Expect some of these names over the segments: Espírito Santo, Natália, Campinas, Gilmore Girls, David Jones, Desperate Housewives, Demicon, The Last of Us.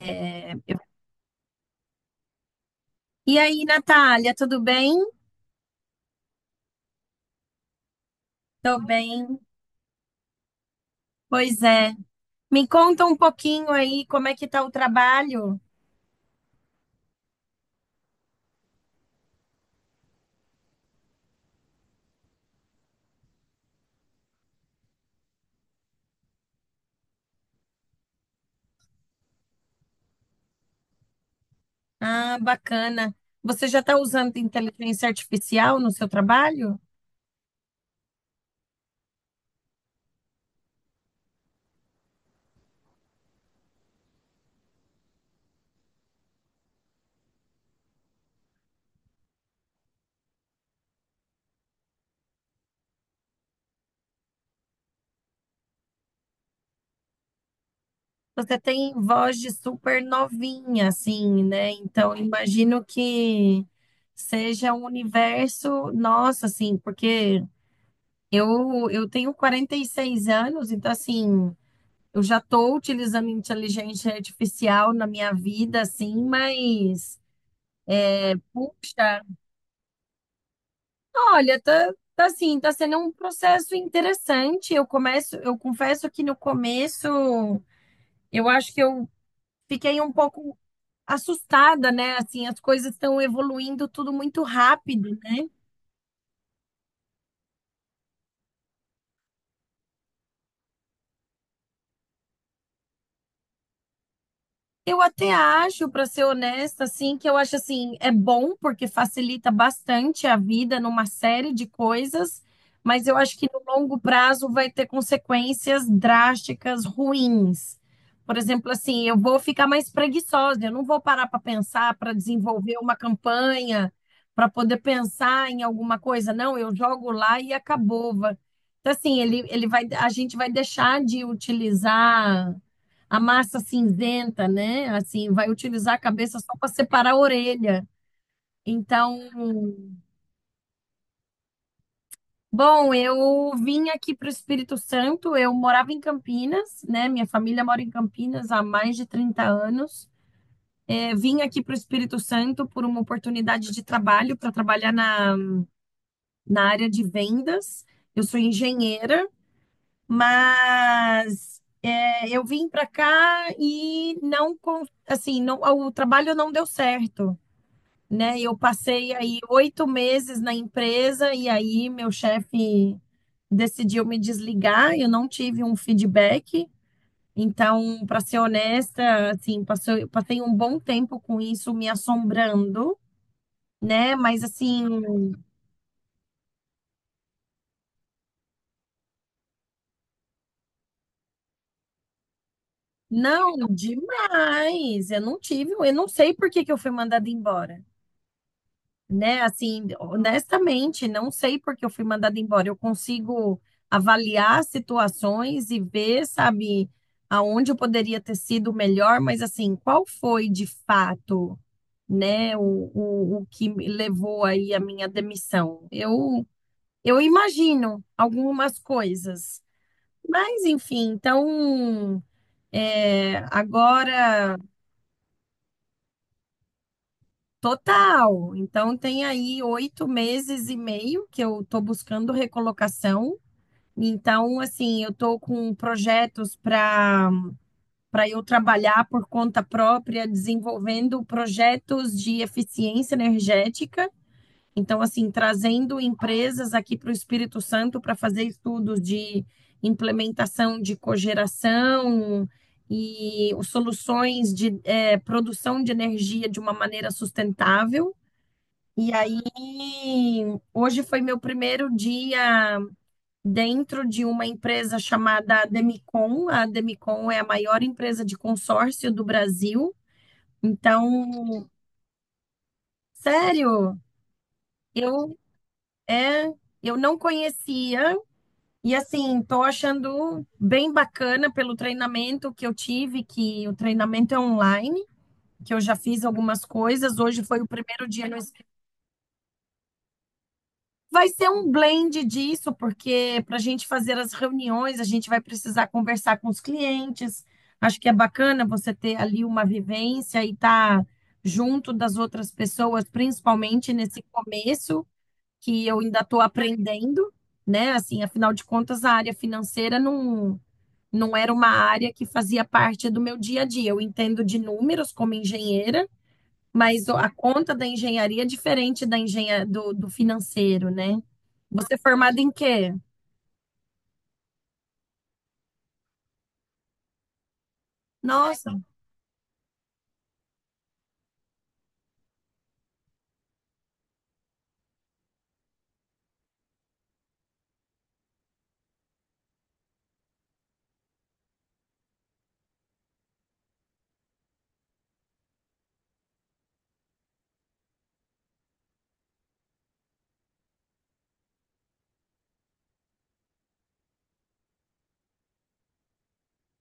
É, eu- E aí, Natália, tudo bem? Tô bem. Pois é. Me conta um pouquinho aí como é que tá o trabalho. Ah, bacana. Você já está usando inteligência artificial no seu trabalho? Você tem voz de super novinha, assim, né? Então, imagino que seja um universo, nossa, assim, porque eu tenho 46 anos, então, assim. Eu já estou utilizando inteligência artificial na minha vida, assim, mas, puxa, olha, tá assim, tá sendo um processo interessante. Eu confesso que no começo eu acho que eu fiquei um pouco assustada, né? Assim, as coisas estão evoluindo tudo muito rápido, né? Eu até acho, para ser honesta, assim, que eu acho assim, é bom porque facilita bastante a vida numa série de coisas, mas eu acho que no longo prazo vai ter consequências drásticas ruins. Por exemplo, assim, eu vou ficar mais preguiçosa, eu não vou parar para pensar, para desenvolver uma campanha, para poder pensar em alguma coisa. Não, eu jogo lá e acabou. Então, assim, a gente vai deixar de utilizar a massa cinzenta, né? Assim, vai utilizar a cabeça só para separar a orelha. Então, bom, eu vim aqui para o Espírito Santo, eu morava em Campinas, né? Minha família mora em Campinas há mais de 30 anos. É, vim aqui para o Espírito Santo por uma oportunidade de trabalho, para trabalhar na área de vendas. Eu sou engenheira, mas é, eu vim para cá e não, assim, não, o trabalho não deu certo, né? Eu passei aí 8 meses na empresa e aí meu chefe decidiu me desligar. Eu não tive um feedback. Então, para ser honesta, assim, eu passei um bom tempo com isso me assombrando, né? Mas assim, não, demais. Eu não sei por que que eu fui mandada embora, né? Assim, honestamente, não sei porque eu fui mandada embora. Eu consigo avaliar situações e ver, sabe, aonde eu poderia ter sido melhor, mas assim, qual foi de fato, né, o que me levou aí a minha demissão? Eu imagino algumas coisas, mas enfim, então. É, agora Total. Então, tem aí 8 meses e meio que eu estou buscando recolocação. Então, assim, eu estou com projetos para eu trabalhar por conta própria, desenvolvendo projetos de eficiência energética. Então, assim, trazendo empresas aqui para o Espírito Santo para fazer estudos de implementação de cogeração e soluções de produção de energia de uma maneira sustentável. E aí, hoje foi meu primeiro dia dentro de uma empresa chamada Demicon. A Demicon é a maior empresa de consórcio do Brasil. Então, sério, eu é, eu não conhecia e assim, tô achando bem bacana pelo treinamento que eu tive, que o treinamento é online, que eu já fiz algumas coisas. Hoje foi o primeiro dia no Vai ser um blend disso, porque para a gente fazer as reuniões, a gente vai precisar conversar com os clientes. Acho que é bacana você ter ali uma vivência e estar junto das outras pessoas, principalmente nesse começo, que eu ainda estou aprendendo, né? Assim, afinal de contas, a área financeira não era uma área que fazia parte do meu dia a dia. Eu entendo de números como engenheira, mas a conta da engenharia é diferente da engenha do financeiro, né? Você é formado em quê? Nossa,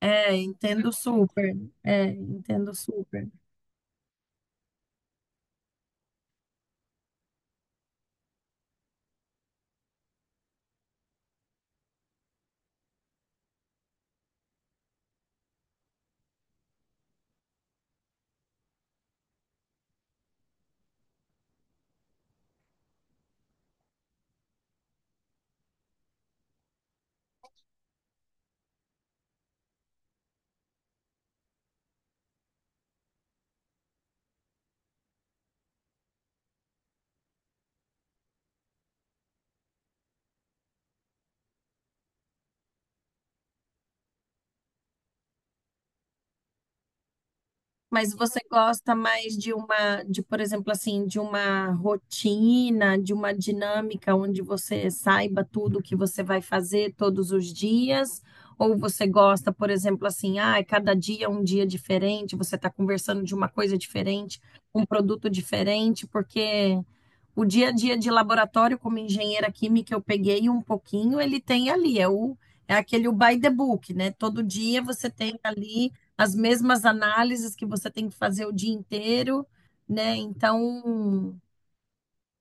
é, entendo super. É, entendo super. Mas você gosta mais por exemplo, assim, de uma rotina, de uma dinâmica onde você saiba tudo o que você vai fazer todos os dias? Ou você gosta, por exemplo, assim, ah, é cada dia é um dia diferente, você está conversando de uma coisa diferente, um produto diferente, porque o dia a dia de laboratório como engenheira química eu peguei um pouquinho, ele tem ali, é o é aquele o by the book, né? Todo dia você tem ali as mesmas análises que você tem que fazer o dia inteiro, né? Então,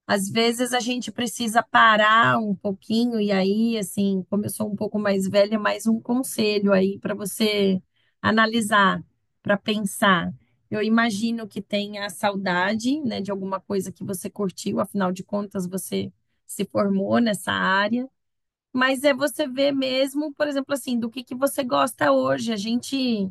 às vezes a gente precisa parar um pouquinho, e aí, assim, como eu sou um pouco mais velha, é mais um conselho aí para você analisar, para pensar. Eu imagino que tenha a saudade, né, de alguma coisa que você curtiu, afinal de contas, você se formou nessa área. Mas é você ver mesmo, por exemplo, assim, do que você gosta hoje. A gente,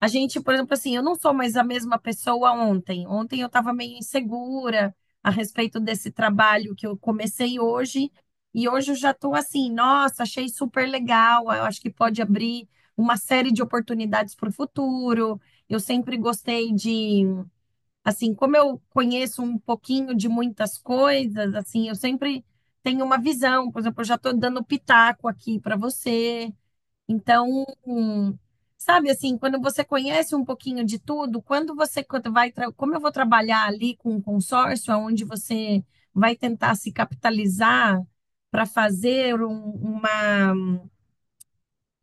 a gente, por exemplo, assim, eu não sou mais a mesma pessoa ontem. Ontem eu estava meio insegura a respeito desse trabalho que eu comecei hoje. E hoje eu já estou assim, nossa, achei super legal. Eu acho que pode abrir uma série de oportunidades para o futuro. Eu sempre gostei de Assim, como eu conheço um pouquinho de muitas coisas, assim, eu sempre tenho uma visão. Por exemplo, eu já estou dando pitaco aqui para você. Então, sabe assim, quando você conhece um pouquinho de tudo, quando você quando vai, tra- como eu vou trabalhar ali com um consórcio, onde você vai tentar se capitalizar para fazer um- uma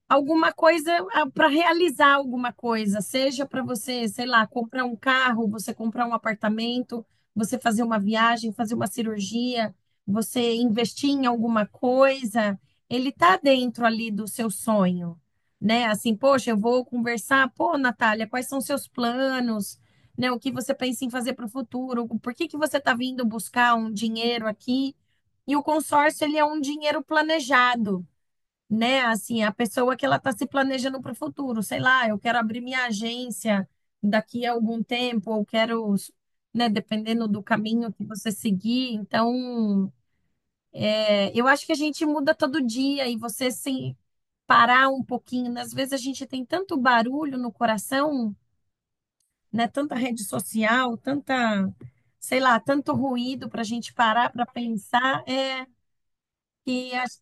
alguma coisa para realizar alguma coisa, seja para você, sei lá, comprar um carro, você comprar um apartamento, você fazer uma viagem, fazer uma cirurgia, você investir em alguma coisa, ele tá dentro ali do seu sonho, né? Assim, poxa, eu vou conversar, pô, Natália, quais são seus planos? Né, o que você pensa em fazer para o futuro? Por que que você tá vindo buscar um dinheiro aqui? E o consórcio, ele é um dinheiro planejado, né? Assim, a pessoa que ela está se planejando para o futuro, sei lá, eu quero abrir minha agência daqui a algum tempo, ou quero, né, dependendo do caminho que você seguir. Então, é, eu acho que a gente muda todo dia e você se parar um pouquinho, né. Às vezes a gente tem tanto barulho no coração, né? Tanta rede social, tanta, sei lá, tanto ruído para a gente parar para pensar, que acho-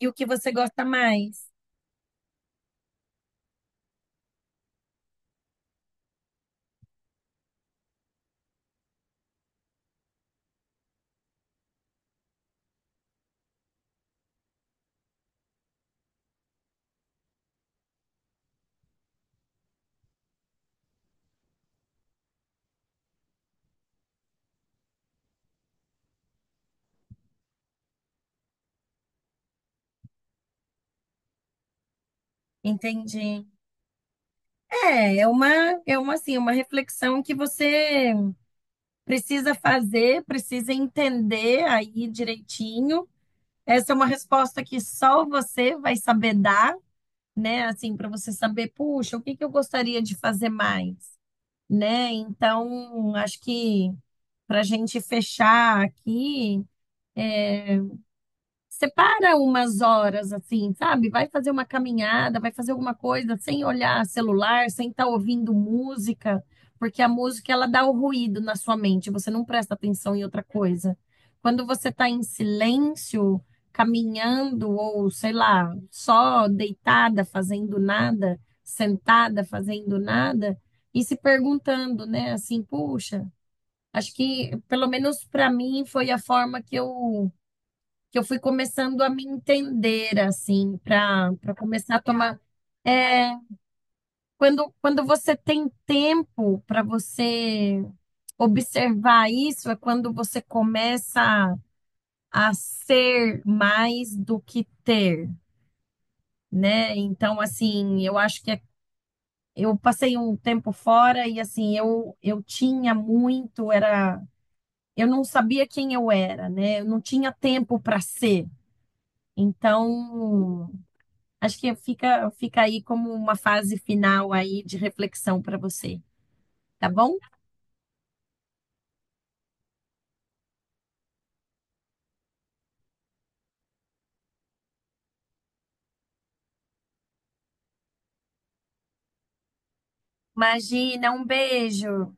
e o que você gosta mais, entende? É, assim, uma reflexão que você precisa fazer, precisa entender aí direitinho. Essa é uma resposta que só você vai saber dar, né? Assim, para você saber, puxa, o que que eu gostaria de fazer mais, né? Então, acho que para a gente fechar aqui, separa umas horas assim, sabe? Vai fazer uma caminhada, vai fazer alguma coisa sem olhar celular, sem estar ouvindo música, porque a música ela dá o ruído na sua mente, você não presta atenção em outra coisa. Quando você está em silêncio, caminhando ou sei lá, só deitada, fazendo nada, sentada, fazendo nada e se perguntando, né, assim, puxa, acho que pelo menos para mim foi a forma que eu fui começando a me entender, assim, para começar a tomar. É, quando você tem tempo para você observar isso, é quando você começa a ser mais do que ter, né? Então, assim, eu acho que eu passei um tempo fora e, assim, eu tinha muito, era. Eu não sabia quem eu era, né? Eu não tinha tempo para ser. Então, acho que fica aí como uma fase final aí de reflexão para você, tá bom? Imagina, um beijo.